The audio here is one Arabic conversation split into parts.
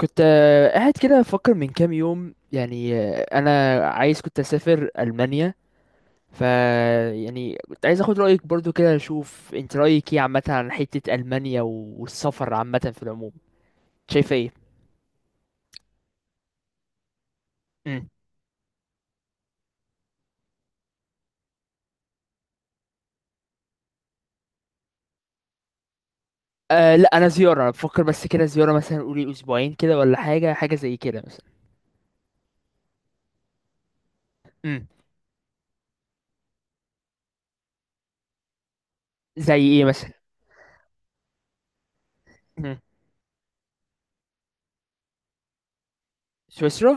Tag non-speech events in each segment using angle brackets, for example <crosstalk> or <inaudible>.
كنت قاعد كده بفكر من كام يوم يعني، انا عايز كنت اسافر المانيا. ف يعني كنت عايز اخد رايك برضو كده اشوف انت رايك ايه عامه عن حته المانيا و- والسفر عامه في العموم، شايفه ايه؟ امم. أه لا، انا زياره، انا بفكر بس كده زياره مثلا، قولي اسبوعين كده ولا حاجه زي كده مثلا. امم. زي ايه مثلا؟ امم. سويسرا.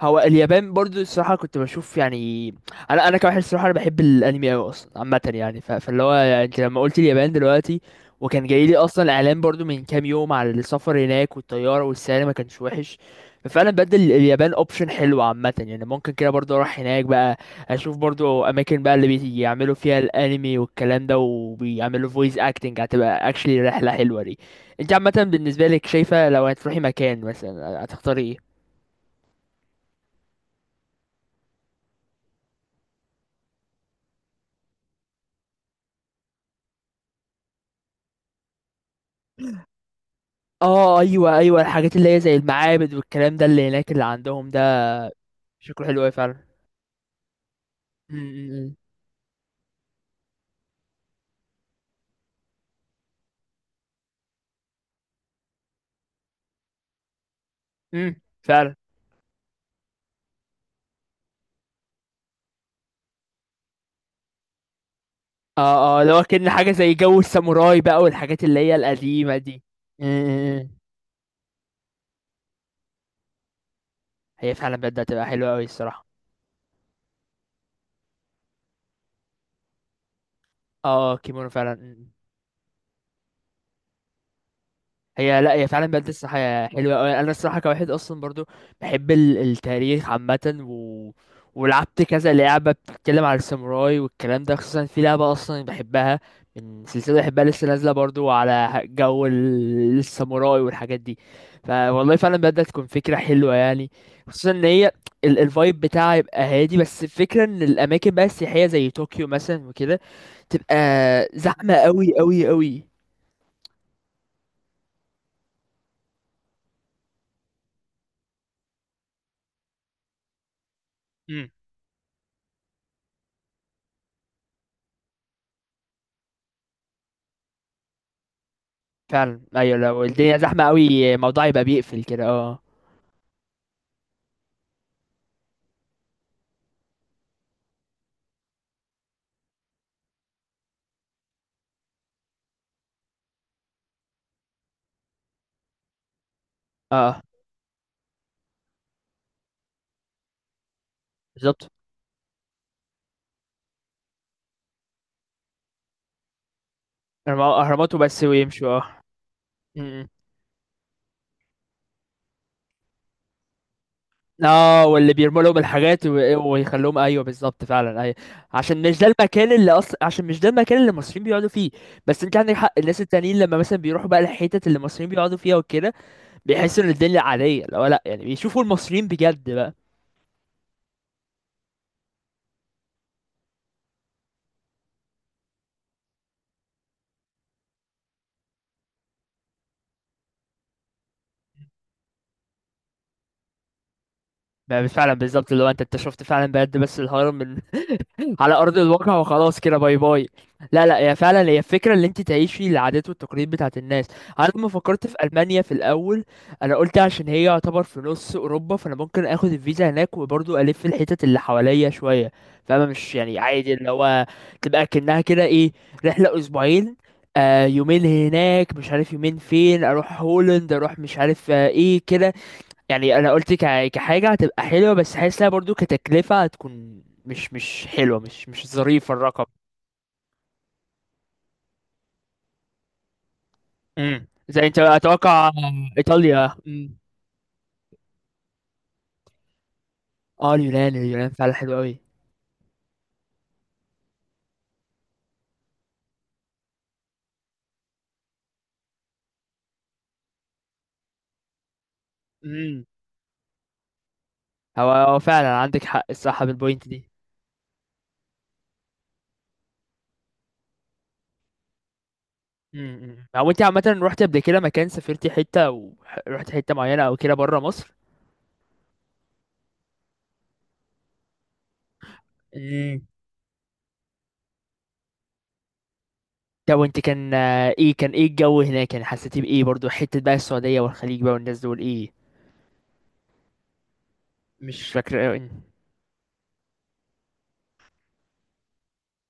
هو اليابان برضو الصراحة كنت بشوف يعني، أنا كواحد الصراحة أنا بحب الأنمي أوي أصلا عامة يعني، ف... فاللي هو يعني أنت لما قلت اليابان دلوقتي، وكان جاي لي أصلا إعلان برضو من كام يوم على السفر هناك، والطيارة والسعر ما كانش وحش. ففعلا بدل اليابان أوبشن حلو عامة يعني، ممكن كده برضو أروح هناك بقى، أشوف برضو أماكن بقى اللي بيعملوا فيها الأنمي والكلام ده، وبيعملوا فويس أكتنج. هتبقى أكشلي رحلة حلوة دي. أنت عامة بالنسبة لك، شايفة لو هتروحي مكان مثلا هتختاري إيه؟ اه ايوه ايوه، الحاجات اللي هي زي المعابد والكلام ده اللي هناك اللي عندهم ده، شكله حلو اوي فعلا. امم. فعلا. اه اه، اللي هو كأن حاجه زي جو الساموراي بقى، والحاجات اللي هي القديمه دي. امم. هي فعلا بجد هتبقى حلوه اوي الصراحه. اه، كيمونو فعلا. هي لا، هي فعلا بجد الصراحة حلوة أوي، أنا الصراحة كواحد أصلا برضو بحب التاريخ عامة، و... ولعبت كذا لعبة بتتكلم على الساموراي والكلام ده، خصوصا في لعبة أصلا بحبها من سلسلة بحبها لسه نازلة برضو على جو الساموراي والحاجات دي. فوالله فعلا بدأت تكون فكرة حلوة يعني. خصوصا إن هي الفايب بتاعها يبقى هادي، بس الفكرة إن الأماكن بقى السياحية زي طوكيو مثلا وكده تبقى زحمة أوي أوي أوي. فعلا ايوه، لو الدنيا زحمه قوي الموضوع يبقى بيقفل كده اه. اه بالظبط، اهرامات وبس ويمشوا اه. م- م. اه، واللي بيرموا لهم الحاجات ويخلوهم، ايوه بالظبط فعلا ايوه. عشان مش ده المكان اللي المصريين بيقعدوا فيه. بس انت عندك حق، الناس التانيين لما مثلا بيروحوا بقى الحتت اللي المصريين بيقعدوا فيها وكده بيحسوا ان الدنيا عاديه، لو لا يعني بيشوفوا المصريين بجد بقى. فعلا بالظبط، اللي هو انت شفت فعلا بجد بس الهرم على ارض الواقع وخلاص كده باي باي. لا لا، هي فعلا هي الفكره اللي انت تعيشي العادات والتقاليد بتاعت الناس. انا لما فكرت في المانيا في الاول، انا قلت عشان هي يعتبر في نص اوروبا، فانا ممكن اخد الفيزا هناك وبرضه الف الحتت اللي حواليا شويه فاهمه، مش يعني عادي اللي هو تبقى كأنها كده ايه، رحله اسبوعين، يومين هناك مش عارف، يومين فين، اروح هولند، اروح مش عارف ايه كده. يعني انا قلت كحاجه هتبقى حلوه، بس حاسس لها برضو كتكلفه هتكون مش حلوه، مش ظريف الرقم. امم، زي انت اتوقع. ايطاليا، امم. اه اليونان، اليونان فعلا حلو قوي. امم. هو فعلا عندك حق، الصح بالبوينت دي. امم. هو انت عامه رحت قبل كده مكان؟ سافرتي حته ورحت حته معينه او كده بره مصر؟ امم. طب وانت كان ايه، كان ايه الجو هناك يعني؟ حسيتي بايه برضو، حته بقى السعوديه والخليج بقى، والناس دول ايه؟ مش فاكره قوي.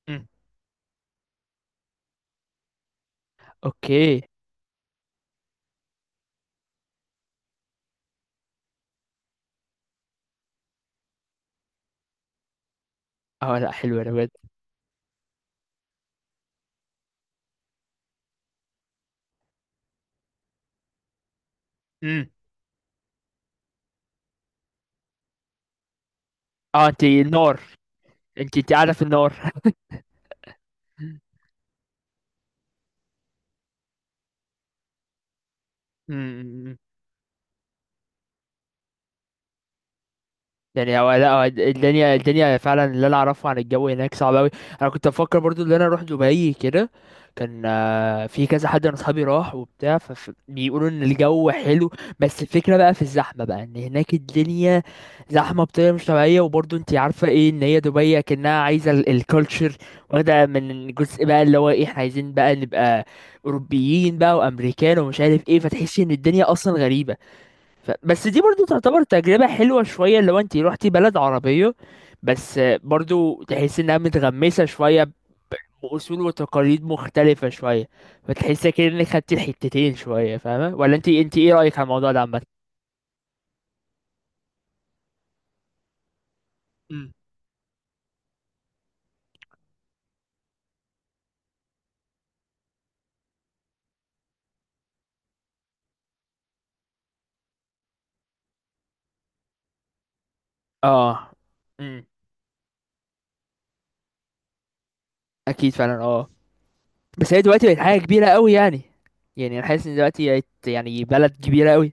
امم. اوكي. اه لا حلوة انا بجد. امم. اه انت النار، انت قاعدة في النار. <laughs> يعني هو، لا هو الدنيا فعلا اللي انا اعرفه عن الجو هناك صعب قوي. انا كنت بفكر برضو ان انا اروح دبي كده، كان في كذا حد من اصحابي راح وبتاع فبيقولوا ان الجو حلو، بس الفكره بقى في الزحمه بقى ان هناك الدنيا زحمه بطريقه مش طبيعيه. وبرضو انت عارفه ايه ان هي دبي كانها عايزه الكالتشر واخده من جزء بقى اللي هو ايه، احنا عايزين بقى نبقى اوروبيين بقى وامريكان ومش عارف ايه، فتحسي ان الدنيا اصلا غريبه. بس دي برضو تعتبر تجربة حلوة شوية لو انت روحتي بلد عربية، بس برضو تحس انها متغمسة شوية بأصول وتقاليد مختلفة شوية، فتحس كده انك خدتي الحتتين شوية فاهمة، ولا انت ايه رأيك على الموضوع ده عامة؟ مم. اه. امم. اكيد فعلا اه. بس هي دلوقتي بقت حاجة كبيرة قوي يعني. يعني انا حاسس ان دلوقتي بقت يعني بلد كبيرة قوي.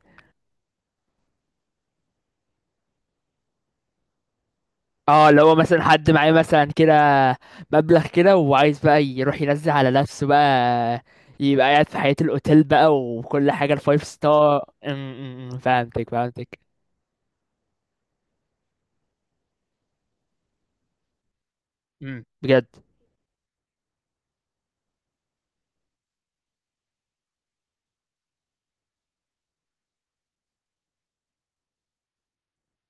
اه لو مثلا حد معاه مثلا كده مبلغ كده وعايز بقى يروح ينزل على نفسه بقى، يبقى قاعد في حياة الأوتيل بقى وكل حاجة الفايف ستار. فهمتك فهمتك. أم، بجد.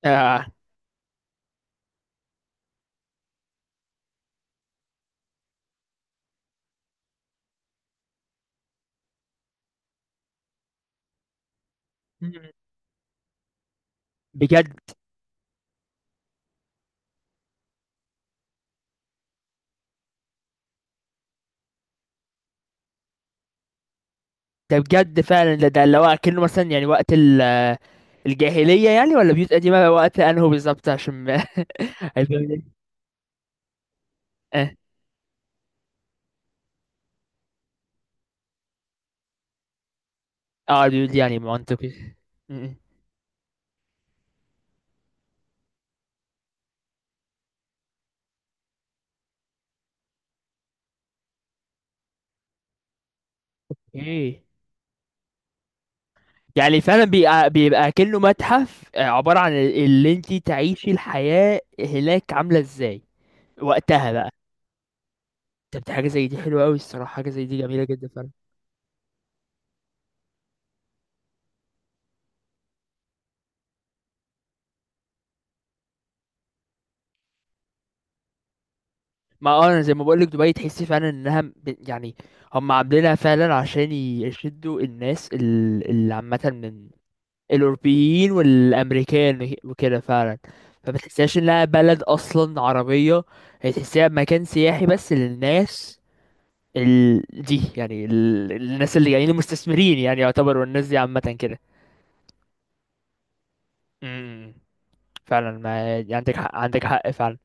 آه. أم، بجد. ده بجد فعلا، ده اللي هو كأنه مثلا يعني وقت الجاهلية، يعني ولا بيوت قديمة وقت أنهو بالظبط عشان ما... <laughs> البيوت دي- اه، البيوت دي يعني منطقي. أم، أم. ايه يعني، فعلا بيبقى كأنه متحف، عبارة عن اللي انت تعيشي الحياة هناك عاملة ازاي وقتها بقى. طب دي حاجة زي دي حلوة قوي الصراحة، حاجة زي دي جميلة جدا فعلا. ما اه انا زي ما بقولك، دبي تحسي فعلا انها يعني هم عاملينها فعلا عشان يشدوا الناس اللي عامة من الأوروبيين والأمريكان وكده فعلا، فما تحسيهاش انها بلد أصلا عربية. هي تحسيها مكان سياحي بس للناس دي، يعني الناس اللي جايين المستثمرين يعني، يعتبروا الناس دي عامة كده. امم، فعلا، ما يعني عندك حق، عندك حق فعلا.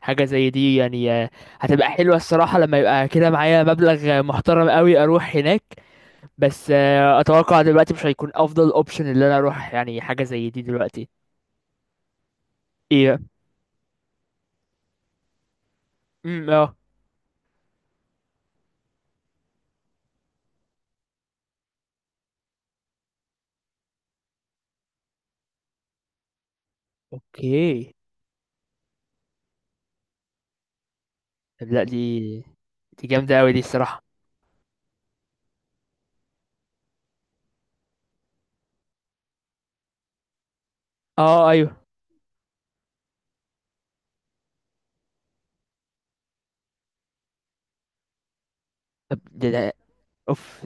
حاجة زي دي يعني هتبقى حلوة الصراحة لما يبقى كده معايا مبلغ محترم قوي أروح هناك. بس أتوقع دلوقتي مش هيكون أفضل أوبشن اللي أنا أروح يعني حاجة زي دي دلوقتي. إيه؟ اه. أوكي. طب لا، دي جامدة أوي دي الصراحة. اه أيوه. طب ده أوف،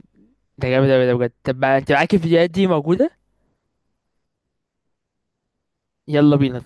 ده جامد أوي ده بجد. طب ما أنت معاك الفيديوهات دي موجودة؟ يلا بينا.